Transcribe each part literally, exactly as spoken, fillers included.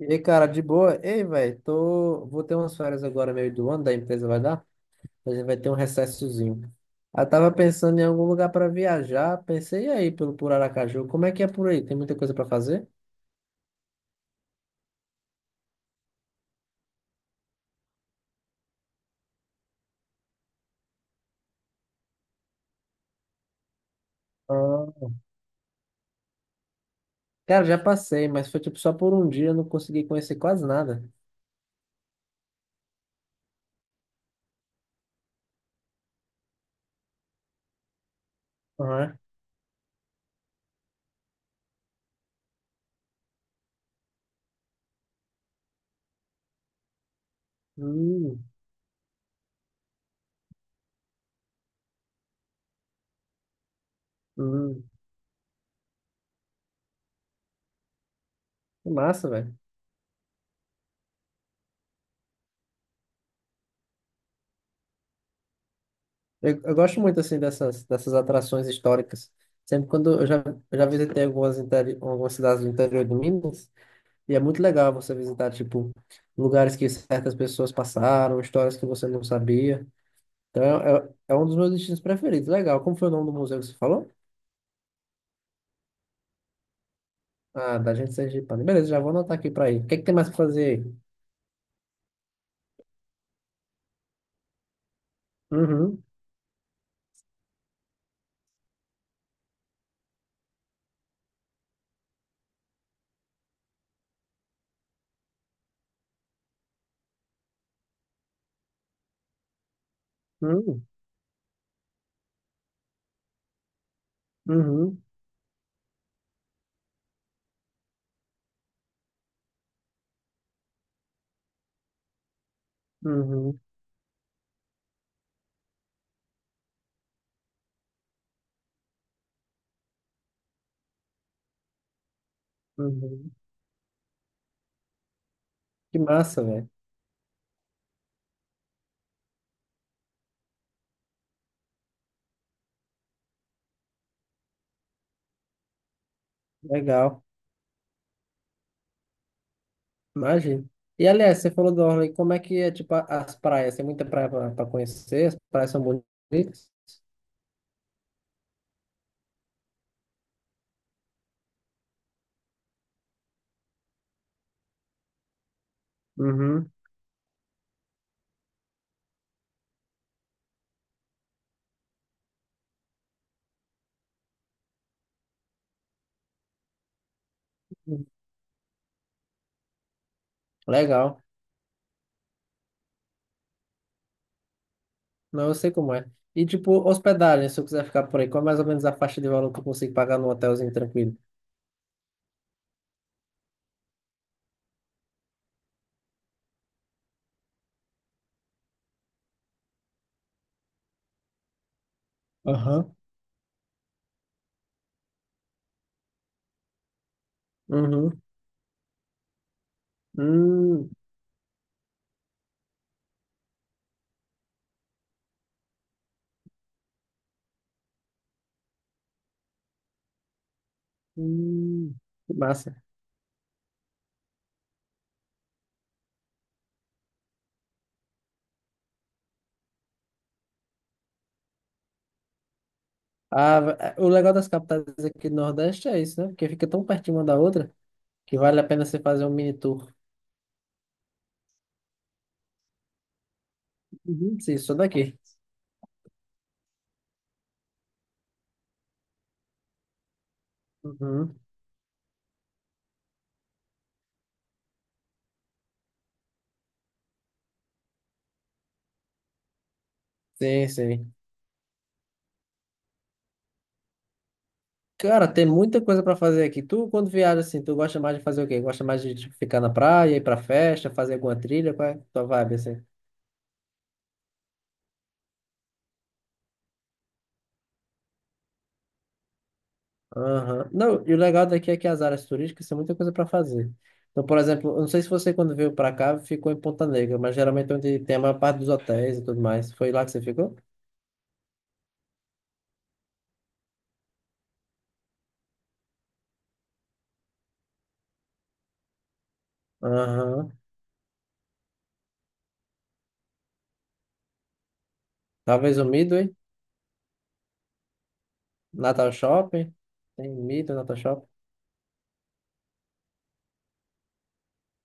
E aí, cara, de boa? Ei, velho, tô... vou ter umas férias agora, meio do ano, da empresa vai dar? A gente vai ter um recessozinho. Eu tava pensando em algum lugar para viajar, pensei aí pelo por Aracaju. Como é que é por aí? Tem muita coisa para fazer? Ah. Cara, já passei, mas foi tipo só por um dia, eu não consegui conhecer quase nada. Aham. Hum, hum. Que massa, velho. Eu, eu gosto muito assim dessas, dessas atrações históricas. Sempre quando eu já, eu já visitei algumas, interi- algumas cidades do interior do Minas. E é muito legal você visitar, tipo, lugares que certas pessoas passaram, histórias que você não sabia. Então, é, é é um dos meus destinos preferidos. Legal. Como foi o nome do museu que você falou? Ah, da gente Sergipana. Beleza, já vou anotar aqui pra ir. O que é que tem mais pra fazer aí? Uhum, uhum, uhum, uhum, uhum. Que massa, velho. Legal. Imagina. E, aliás, você falou do Orly, como é que é, tipo, a- as praias? Tem muita praia pra pra conhecer? As praias são bonitas? Uhum. Legal. Não, eu sei como é. E tipo, hospedagem, se eu quiser ficar por aí, qual é mais ou menos a faixa de valor que eu consigo pagar num hotelzinho tranquilo? Aham. Uhum. Hum. Hum. Que massa. Ah, va- é, o legal das capitais aqui do Nordeste é isso, né? Porque fica tão pertinho uma da outra que vale a pena você fazer um mini tour. Uhum. Sim, só daqui. Uhum. Sim, sim. Cara, tem muita coisa pra fazer aqui. Tu, quando viaja assim, tu gosta mais de fazer o quê? Gosta mais de tipo, ficar na praia, ir pra festa, fazer alguma trilha? Qual é a tua vibe assim? Aham. Não, e o legal daqui é que as áreas turísticas tem muita coisa para fazer. Então, por exemplo, eu não sei se você, quando veio para cá, ficou em Ponta Negra, mas geralmente é onde tem a maior parte dos hotéis e tudo mais. Foi lá que você ficou? Aham. Talvez o Midway, Natal Shopping. Tem Midway, Natal Shopping.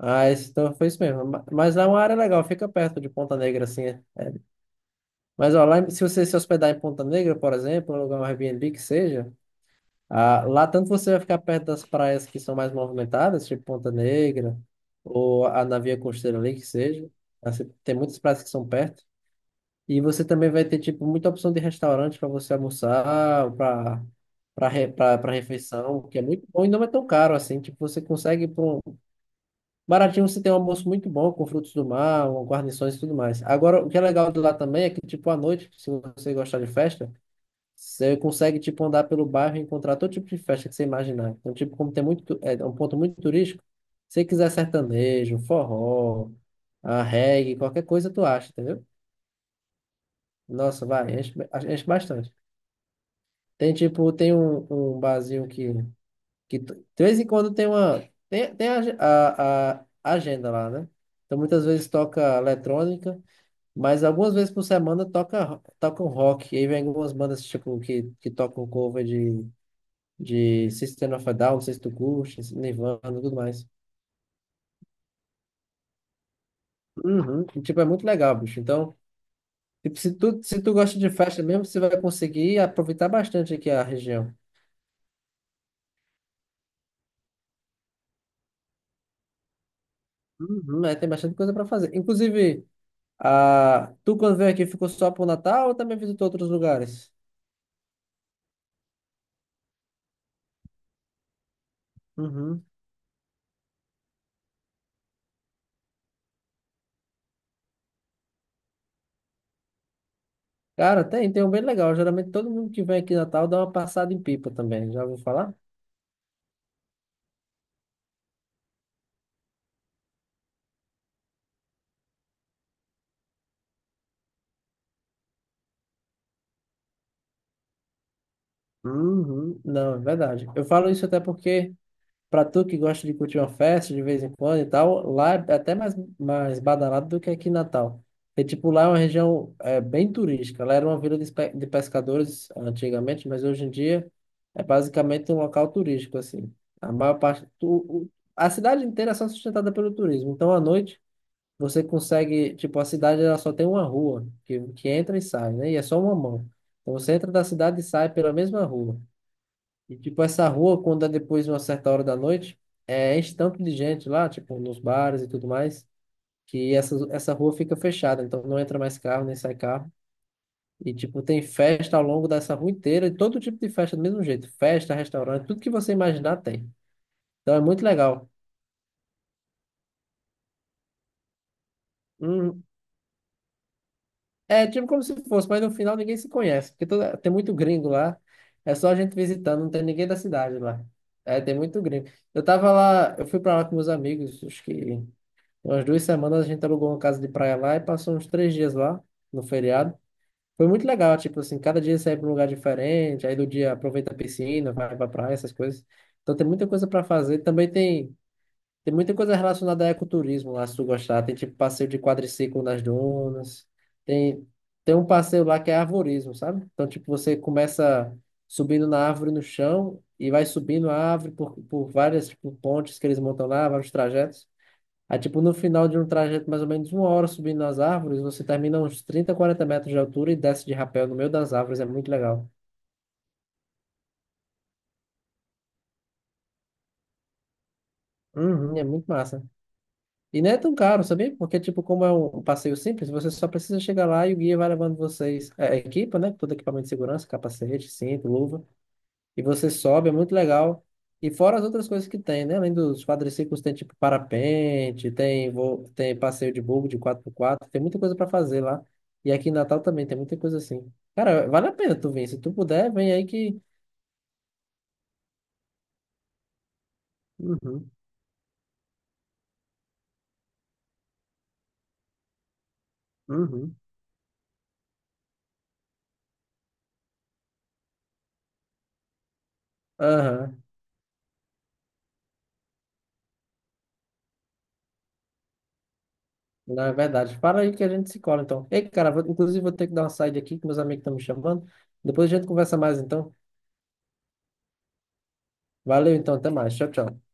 Ah, esse, então foi isso mesmo. Ma- Mas lá é uma área legal, fica perto de Ponta Negra, assim. É. É. Mas ó, lá, em- se você se hospedar em Ponta Negra, por exemplo, um lugar um Airbnb que seja. Ah, lá tanto você vai ficar perto das praias que são mais movimentadas, tipo Ponta Negra, ou a Navia Costeira ali, que seja. Assim, tem muitas praias que são perto. E você também vai ter, tipo, muita opção de restaurante para você almoçar, para para re, pra- pra refeição, que é muito bom e não é tão caro assim. Tipo, você consegue, por um- baratinho, você tem um almoço muito bom, com frutos do mar, com guarnições e tudo mais. Agora, o que é legal de lá também é que, tipo, à noite, se você gostar de festa, você consegue, tipo, andar pelo bairro e encontrar todo tipo de festa que você imaginar. Então, tipo, como tem muito, tu- é um ponto muito turístico, se você quiser sertanejo, forró, a reggae, qualquer coisa tu acha, entendeu? Nossa, vai, enche, ba- enche bastante. Tem, tipo, tem um, um barzinho que, que tu- de vez em quando tem uma, tem, tem a, ge- a, a agenda lá, né? Então, muitas vezes toca eletrônica, mas algumas vezes por semana toca, toca um rock. E aí vem algumas bandas, tipo, que, que tocam cover de System of a Down, não se tu curte, Nirvana, tudo mais. Uhum. E, tipo, é muito legal, bicho. Então, tipo, se tu, se tu gosta de festa mesmo, você vai conseguir aproveitar bastante aqui a região. Uhum. É, tem bastante coisa para fazer. Inclusive, a, tu quando veio aqui ficou só pro Natal ou também visitou outros lugares? Uhum. Cara, tem, tem um bem legal. Geralmente todo mundo que vem aqui em Natal dá uma passada em Pipa também. Já ouviu falar? Uhum. Não, é verdade. Eu falo isso até porque pra tu que gosta de curtir uma festa de vez em quando e tal, lá é até mais, mais badalado do que aqui em Natal. E, tipo, lá é uma região é, bem turística. Lá era uma vila de, espe- de pescadores antigamente, mas hoje em dia é basicamente um local turístico, assim. A maior parte... tu- o- a cidade inteira é só sustentada pelo turismo. Então, à noite, você consegue... Tipo, a cidade ela só tem uma rua que, que entra e sai, né? E é só uma mão. Então, você entra da cidade e sai pela mesma rua. E, tipo, essa rua, quando é depois de uma certa hora da noite, é enche tanto de gente lá, tipo, nos bares e tudo mais, que essa, essa rua fica fechada, então não entra mais carro, nem sai carro. E, tipo, tem festa ao longo dessa rua inteira, e todo tipo de festa do mesmo jeito. Festa, restaurante, tudo que você imaginar tem. Então é muito legal. Hum, é tipo como se fosse, mas no final ninguém se conhece, porque toda, tem muito gringo lá. É só a gente visitando, não tem ninguém da cidade lá. É, tem muito gringo. Eu tava lá, eu fui pra lá com meus amigos, acho que. Umas duas semanas a gente alugou uma casa de praia lá e passou uns três dias lá, no feriado. Foi muito legal, tipo assim, cada dia sai para um lugar diferente, aí do dia aproveita a piscina, vai pra praia, essas coisas. Então tem muita coisa para fazer. Também tem, tem muita coisa relacionada a ecoturismo lá, se tu gostar. Tem tipo passeio de quadriciclo nas dunas. Tem, tem um passeio lá que é arvorismo, sabe? Então, tipo, você começa subindo na árvore no chão e vai subindo a árvore por, por várias, tipo, pontes que eles montam lá, vários trajetos. Aí, tipo, no final de um trajeto, mais ou menos uma hora subindo nas árvores, você termina uns trinta, quarenta metros de altura e desce de rapel no meio das árvores. É muito legal. Uhum, é muito massa. E não é tão caro, sabia? Porque, tipo, como é um passeio simples, você só precisa chegar lá e o guia vai levando vocês. É, a equipa, né? Todo equipamento de segurança, capacete, cinto, luva. E você sobe, é muito legal. E fora as outras coisas que tem, né? Além dos quadriciclos, tem tipo parapente, tem, vo- tem passeio de buggy de quatro por quatro. Tem muita coisa para fazer lá. E aqui em Natal também tem muita coisa assim. Cara, vale a pena tu vir. Se tu puder, vem aí que. Uhum, uhum, aham. Não, é verdade. Para aí que a gente se cola, então. Ei, cara, vou- inclusive vou ter que dar uma saída aqui, que meus amigos estão me chamando. Depois a gente conversa mais, então. Valeu, então. Até mais. Tchau, tchau.